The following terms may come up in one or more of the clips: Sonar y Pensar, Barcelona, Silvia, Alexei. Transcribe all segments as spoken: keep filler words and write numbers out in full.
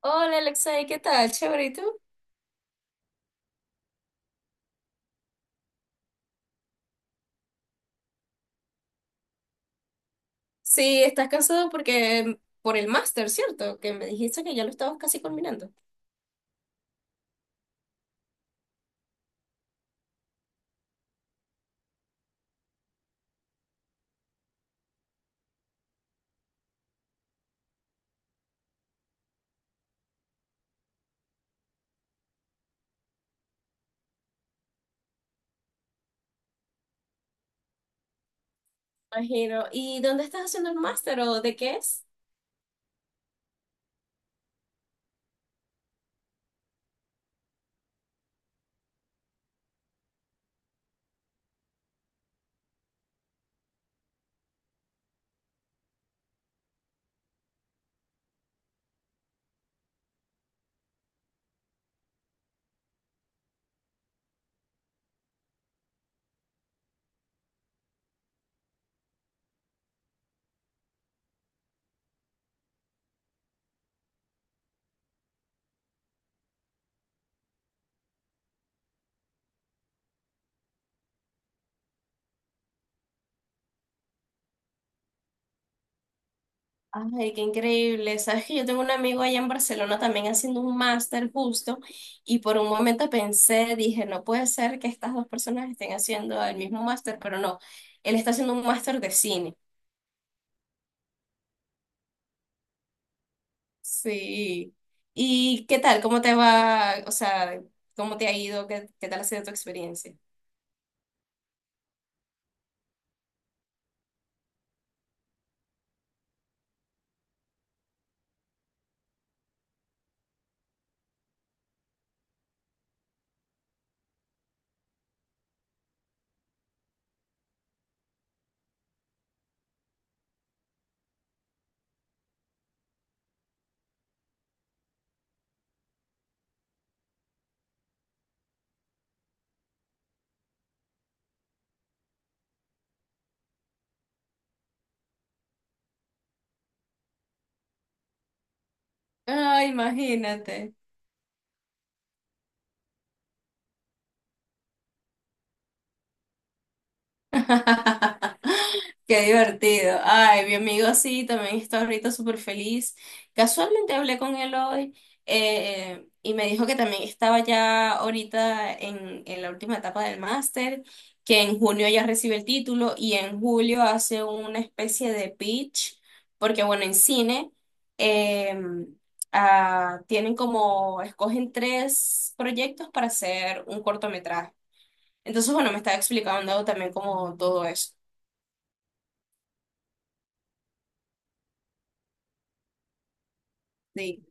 Hola Alexei, ¿qué tal? Chévere, ¿y tú? Sí, estás cansado porque por el máster, ¿cierto? Que me dijiste que ya lo estabas casi culminando. Imagino. ¿Y dónde estás haciendo el máster o de qué es? Ay, qué increíble. Sabes que yo tengo un amigo allá en Barcelona también haciendo un máster justo y por un momento pensé, dije, no puede ser que estas dos personas estén haciendo el mismo máster, pero no, él está haciendo un máster de cine. Sí. ¿Y qué tal? ¿Cómo te va? O sea, ¿cómo te ha ido? ¿Qué, qué tal ha sido tu experiencia? Ay, imagínate. Qué divertido. Ay, mi amigo sí, también está ahorita súper feliz. Casualmente hablé con él hoy, eh, y me dijo que también estaba ya ahorita en, en la última etapa del máster, que en junio ya recibe el título y en julio hace una especie de pitch, porque bueno, en cine, eh, ah, tienen como, escogen tres proyectos para hacer un cortometraje. Entonces, bueno, me estaba explicando también como todo eso. Sí.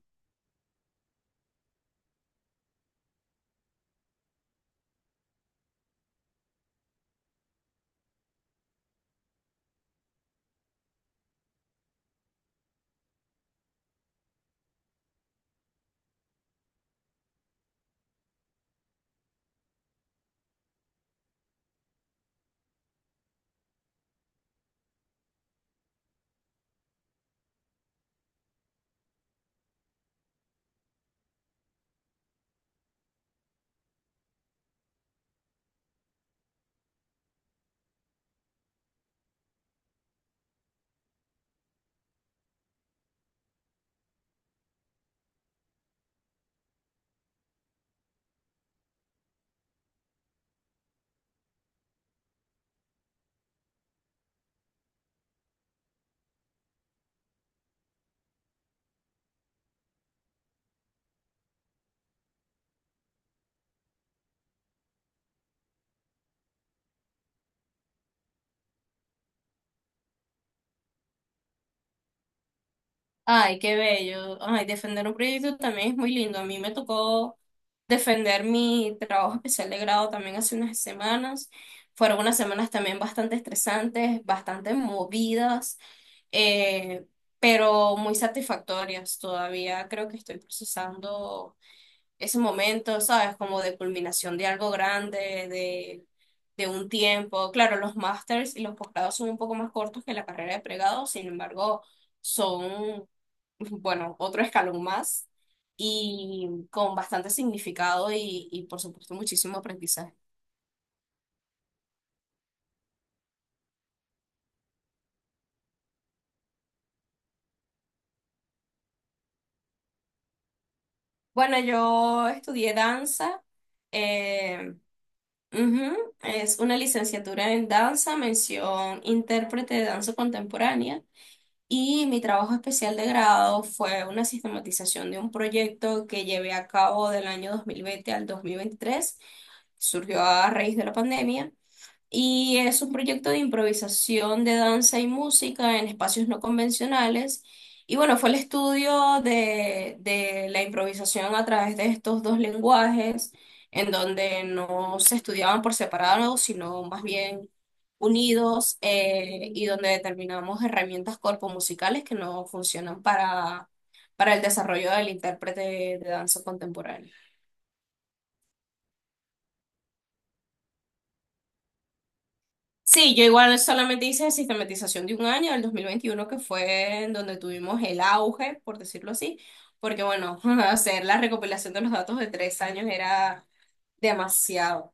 Ay, qué bello. Ay, defender un proyecto también es muy lindo. A mí me tocó defender mi trabajo especial de grado también hace unas semanas. Fueron unas semanas también bastante estresantes, bastante movidas, eh, pero muy satisfactorias todavía. Creo que estoy procesando ese momento, ¿sabes? Como de culminación de algo grande, de, de un tiempo. Claro, los másters y los posgrados son un poco más cortos que la carrera de pregrado, sin embargo, son, bueno, otro escalón más y con bastante significado y, y por supuesto, muchísimo aprendizaje. Bueno, yo estudié danza. eh, Ujú. Es una licenciatura en danza, mención intérprete de danza contemporánea. Y mi trabajo especial de grado fue una sistematización de un proyecto que llevé a cabo del año dos mil veinte al dos mil veintitrés. Surgió a raíz de la pandemia y es un proyecto de improvisación de danza y música en espacios no convencionales. Y bueno, fue el estudio de, de la improvisación a través de estos dos lenguajes, en donde no se estudiaban por separado, sino más bien unidos, eh, y donde determinamos herramientas corpomusicales que no funcionan para, para el desarrollo del intérprete de danza contemporánea. Sí, yo igual solamente hice sistematización de un año, el dos mil veintiuno, que fue en donde tuvimos el auge, por decirlo así, porque bueno, hacer la recopilación de los datos de tres años era demasiado.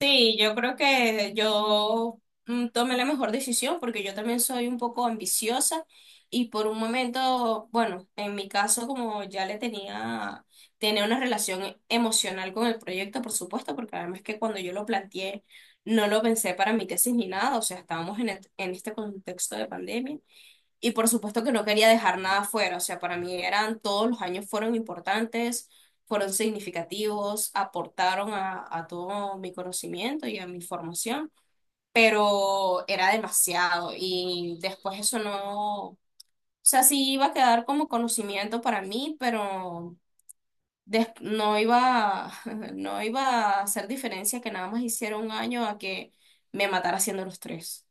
Sí, yo creo que yo, mm, tomé la mejor decisión porque yo también soy un poco ambiciosa y por un momento, bueno, en mi caso como ya le tenía, tenía una relación emocional con el proyecto, por supuesto, porque además que cuando yo lo planteé no lo pensé para mi tesis ni nada, o sea, estábamos en, et- en este contexto de pandemia. Y por supuesto que no quería dejar nada fuera, o sea, para mí eran todos los años fueron importantes, fueron significativos, aportaron a, a todo mi conocimiento y a mi formación, pero era demasiado y después eso no, o sea, sí iba a quedar como conocimiento para mí, pero des- no iba, no iba a hacer diferencia que nada más hiciera un año a que me matara haciendo los tres.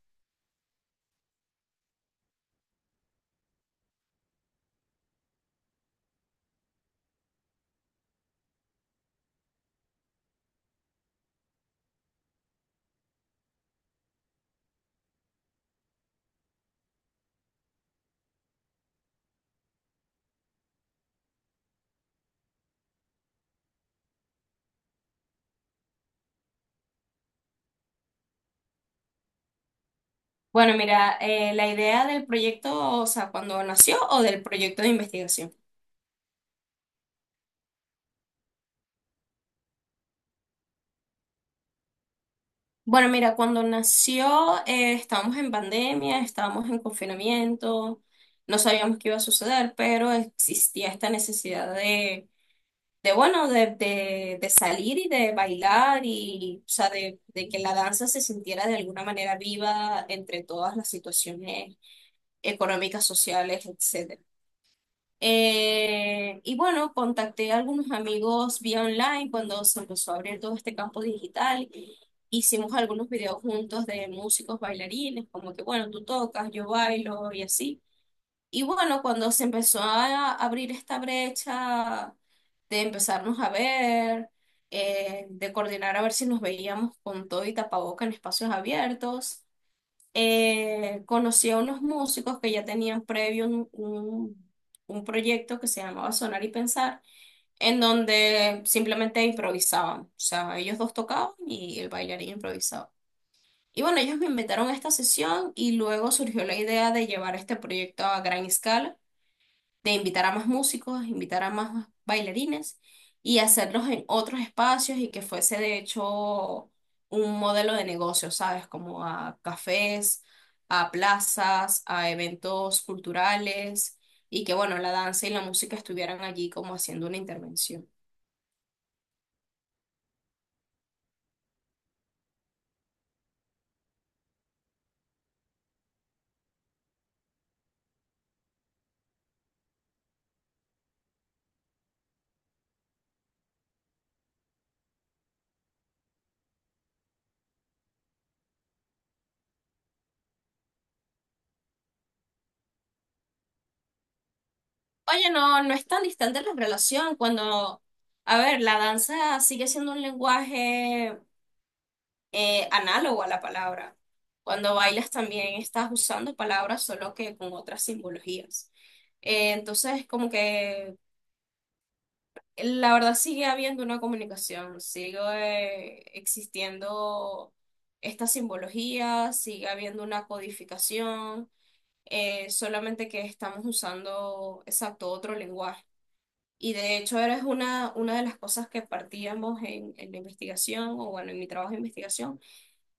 Bueno, mira, eh, la idea del proyecto, o sea, cuando nació o del proyecto de investigación. Bueno, mira, cuando nació, eh, estábamos en pandemia, estábamos en confinamiento, no sabíamos qué iba a suceder, pero existía esta necesidad de, de bueno, de, de, de salir y de bailar y, o sea, de, de que la danza se sintiera de alguna manera viva entre todas las situaciones económicas, sociales, etcétera. Eh, y bueno, contacté a algunos amigos vía online cuando se empezó a abrir todo este campo digital. Hicimos algunos videos juntos de músicos bailarines, como que bueno, tú tocas, yo bailo y así. Y bueno, cuando se empezó a abrir esta brecha de empezarnos a ver, eh, de coordinar a ver si nos veíamos con todo y tapaboca en espacios abiertos, eh, conocí a unos músicos que ya tenían previo un, un- un proyecto que se llamaba Sonar y Pensar, en donde simplemente improvisaban. O sea, ellos dos tocaban y el bailarín improvisaba. Y bueno, ellos me invitaron a esta sesión y luego surgió la idea de llevar este proyecto a gran escala, de invitar a más músicos, invitar a más bailarines y hacerlos en otros espacios y que fuese de hecho un modelo de negocio, ¿sabes? Como a cafés, a plazas, a eventos culturales y que bueno, la danza y la música estuvieran allí como haciendo una intervención. Oye, no, no es tan distante la relación cuando, a ver, la danza sigue siendo un lenguaje, eh, análogo a la palabra. Cuando bailas también estás usando palabras, solo que con otras simbologías. Eh, entonces, como que la verdad sigue habiendo una comunicación, sigue, eh, existiendo esta simbología, sigue habiendo una codificación, eh, solamente que estamos usando exacto otro lenguaje. Y de hecho, era una, una de las cosas que partíamos en, en la investigación, o bueno, en mi trabajo de investigación,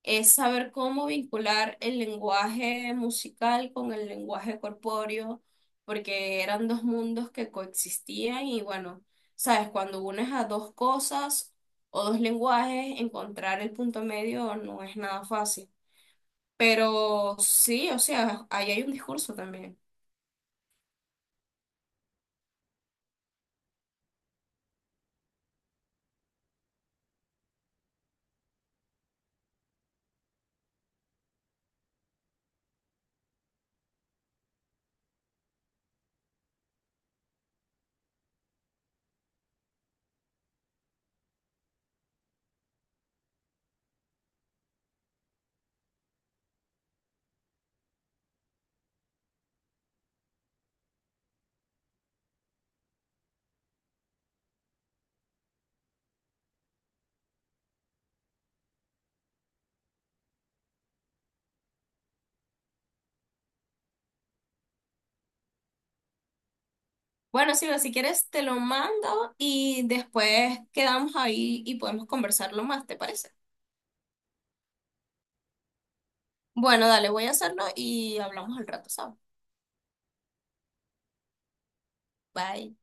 es saber cómo vincular el lenguaje musical con el lenguaje corpóreo, porque eran dos mundos que coexistían y bueno, sabes, cuando unes a dos cosas o dos lenguajes, encontrar el punto medio no es nada fácil. Pero sí, o sea, ahí hay un discurso también. Bueno, Silvia, si quieres te lo mando y después quedamos ahí y podemos conversarlo más, ¿te parece? Bueno, dale, voy a hacerlo y hablamos al rato, ¿sabes? Bye.